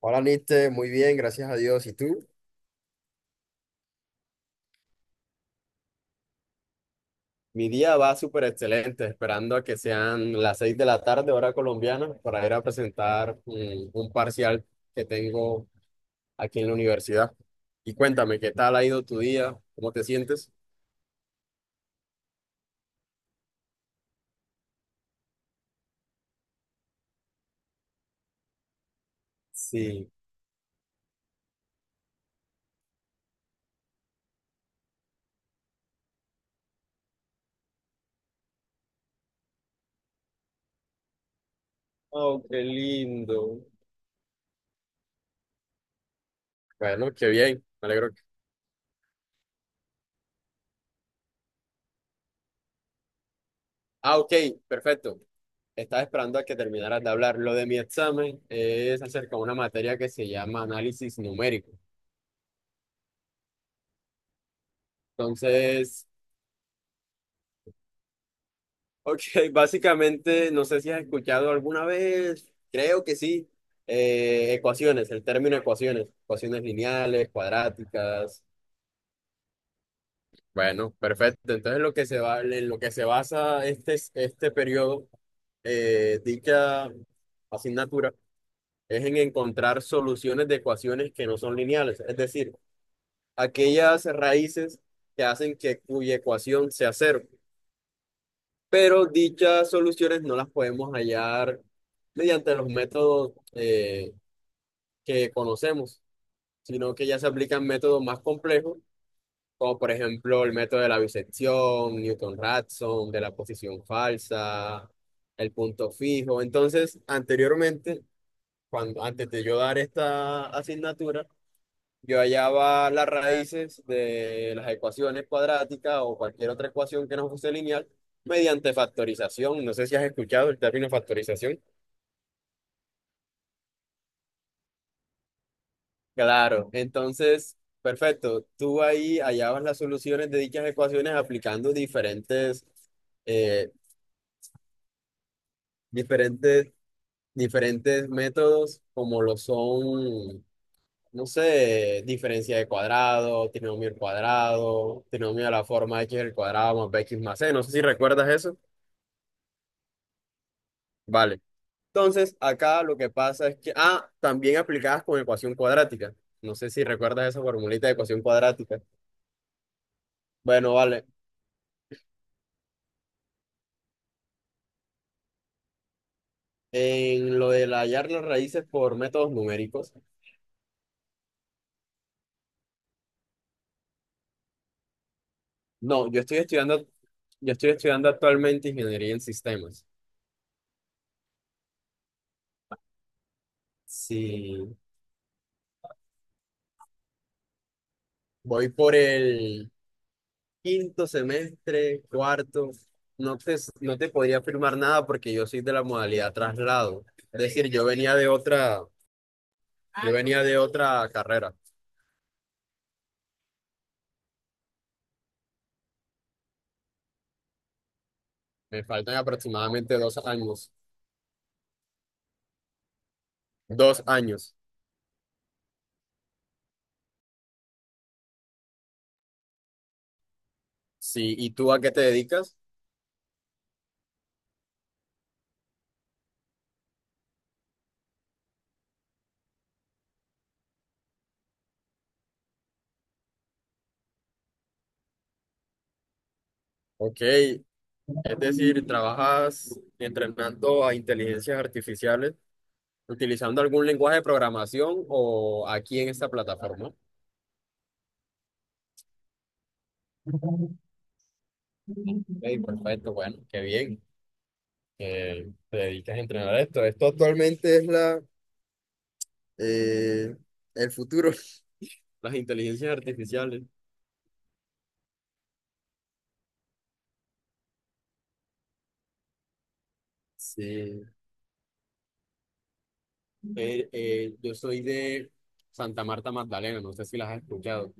Hola, Niste, muy bien, gracias a Dios. ¿Y tú? Mi día va súper excelente, esperando a que sean las 6 de la tarde, hora colombiana, para ir a presentar un parcial que tengo aquí en la universidad. Y cuéntame, ¿qué tal ha ido tu día? ¿Cómo te sientes? Sí. Oh, qué lindo. Bueno, qué bien, me alegro. Ah, ok, perfecto. Estaba esperando a que terminaras de hablar. Lo de mi examen es acerca de una materia que se llama análisis numérico. Entonces. Ok, básicamente, no sé si has escuchado alguna vez, creo que sí, el término ecuaciones, ecuaciones lineales, cuadráticas. Bueno, perfecto. Entonces, lo que se va, en lo que se basa este periodo, dicha asignatura, es en encontrar soluciones de ecuaciones que no son lineales, es decir, aquellas raíces que hacen que cuya ecuación sea cero. Pero dichas soluciones no las podemos hallar mediante los métodos que conocemos, sino que ya se aplican métodos más complejos, como por ejemplo el método de la bisección, Newton-Raphson, de la posición falsa, el punto fijo. Entonces, anteriormente, antes de yo dar esta asignatura, yo hallaba las raíces de las ecuaciones cuadráticas o cualquier otra ecuación que no fuese lineal mediante factorización. No sé si has escuchado el término factorización. Claro, entonces, perfecto. Tú ahí hallabas las soluciones de dichas ecuaciones aplicando eh, diferentes, diferentes métodos como lo son, no sé, diferencia de cuadrado, trinomio al cuadrado, trinomio a la forma x al cuadrado más bx más c. No sé si recuerdas eso. Vale. Entonces, acá lo que pasa es que, también aplicadas con ecuación cuadrática. No sé si recuerdas esa formulita de ecuación cuadrática. Bueno, vale. En lo de hallar las raíces por métodos numéricos. No, yo estoy estudiando, actualmente ingeniería en sistemas. Sí, voy por el quinto semestre, cuarto. No te podría afirmar nada porque yo soy de la modalidad traslado. Es decir, yo venía de otra carrera. Me faltan aproximadamente 2 años. 2 años. Sí, ¿y tú a qué te dedicas? Ok, es decir, trabajas entrenando a inteligencias artificiales utilizando algún lenguaje de programación o aquí en esta plataforma. Ok, perfecto, bueno, qué bien que te dedicas a entrenar esto. Esto actualmente es eh, el futuro, las inteligencias artificiales. Sí. Yo soy de Santa Marta Magdalena, no sé si las has escuchado.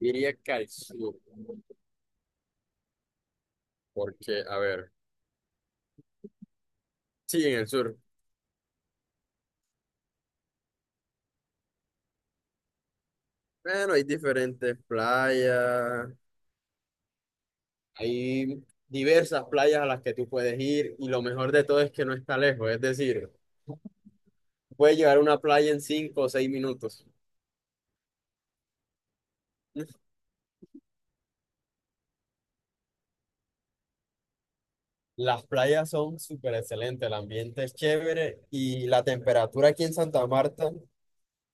Iría que al sur, porque, a ver, sí, en el sur. Bueno, hay diferentes playas, hay diversas playas a las que tú puedes ir y lo mejor de todo es que no está lejos, es decir, puedes llegar a una playa en 5 o 6 minutos. Las playas son súper excelentes, el ambiente es chévere y la temperatura aquí en Santa Marta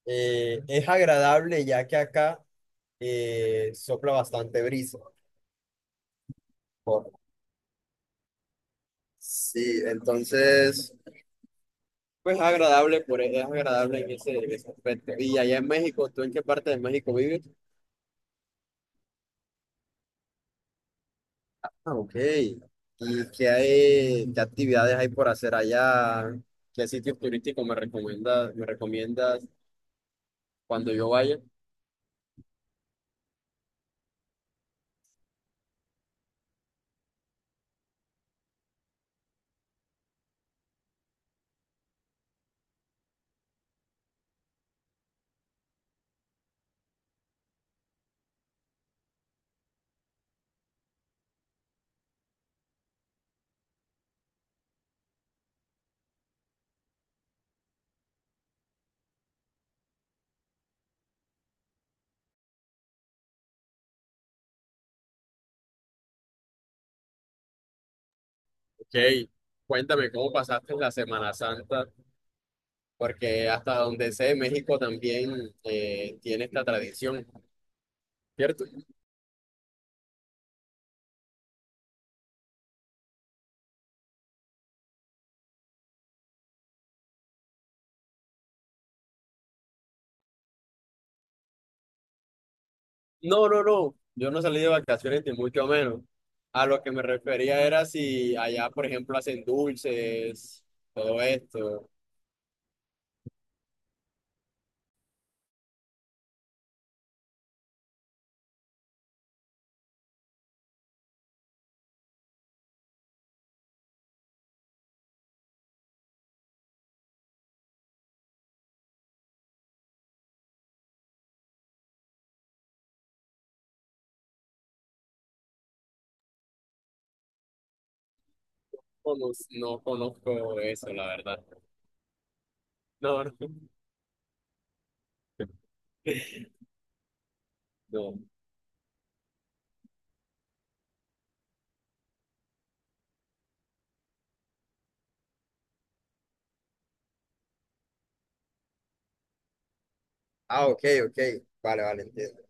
es agradable ya que acá sopla bastante brisa. Por- Sí, entonces. Pues es agradable, es agradable en en ese aspecto. Y allá en México, ¿tú en qué parte de México vives? Ah, ok. ¿Y qué actividades hay por hacer allá? ¿Qué sitios turísticos me recomiendas cuando yo vaya? Ok, cuéntame cómo pasaste la Semana Santa, porque hasta donde sé, México también tiene esta tradición, ¿cierto? No, no, no. Yo no salí de vacaciones ni mucho menos. A lo que me refería era si allá, por ejemplo, hacen dulces, todo esto. No, no, no conozco eso, la verdad. No, no. No. Ah, ok, ok. Vale, vale, entiendo.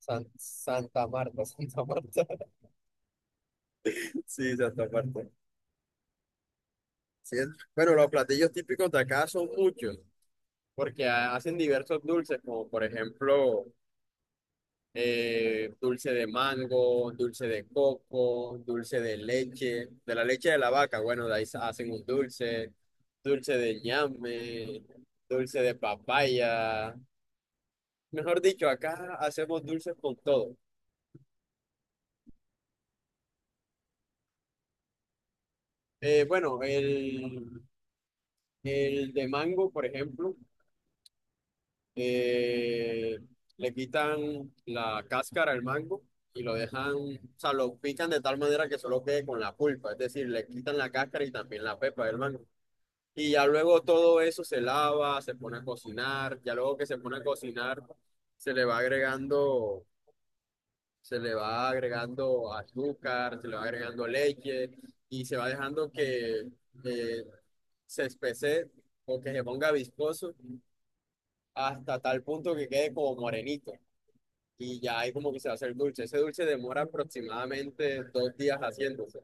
Santa Marta, Santa Marta. Sí, Santa Marta. Sí, bueno, los platillos típicos de acá son muchos. Porque hacen diversos dulces, como por ejemplo, dulce de mango, dulce de coco, dulce de leche de la vaca, bueno, de ahí hacen un dulce, dulce de ñame, dulce de papaya. Mejor dicho, acá hacemos dulces con todo. Bueno, el de mango, por ejemplo, eh, le quitan la cáscara al mango. Y lo dejan, o sea, lo pican de tal manera que solo quede con la pulpa, es decir, le quitan la cáscara y también la pepa del mango. Y ya luego todo eso se lava, se pone a cocinar, ya luego que se pone a cocinar, se le va agregando, se le va agregando azúcar, se le va agregando leche y se va dejando que eh, se espese o que se ponga viscoso hasta tal punto que quede como morenito. Y ya ahí como que se va a hacer dulce. Ese dulce demora aproximadamente 2 días haciéndose.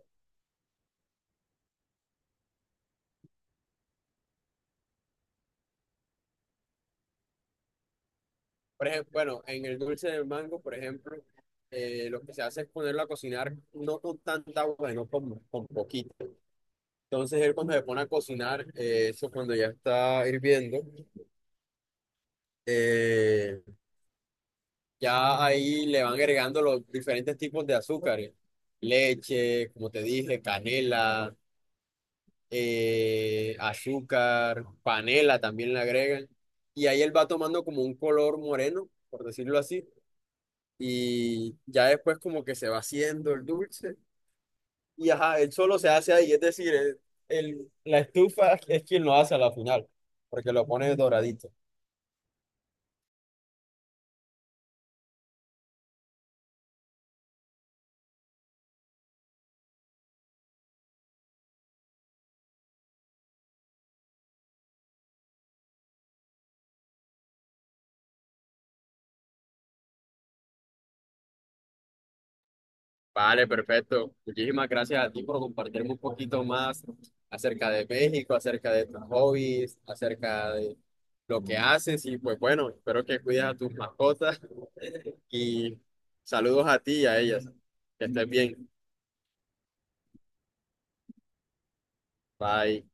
Por ejemplo, bueno, en el dulce del mango, por ejemplo, lo que se hace es ponerlo a cocinar no con tanta agua, sino con poquito. Entonces él cuando se pone a cocinar, eso cuando ya está hirviendo, eh, ya ahí le van agregando los diferentes tipos de azúcares. Leche, como te dije, canela, azúcar, panela también le agregan. Y ahí él va tomando como un color moreno, por decirlo así y ya después como que se va haciendo el dulce y ajá, él solo se hace ahí, es decir, la estufa es quien lo hace a la final, porque lo pone doradito. Vale, perfecto. Muchísimas gracias a ti por compartirme un poquito más acerca de México, acerca de tus hobbies, acerca de lo que haces y pues bueno, espero que cuides a tus mascotas y saludos a ti y a ellas. Que estés bien. Bye.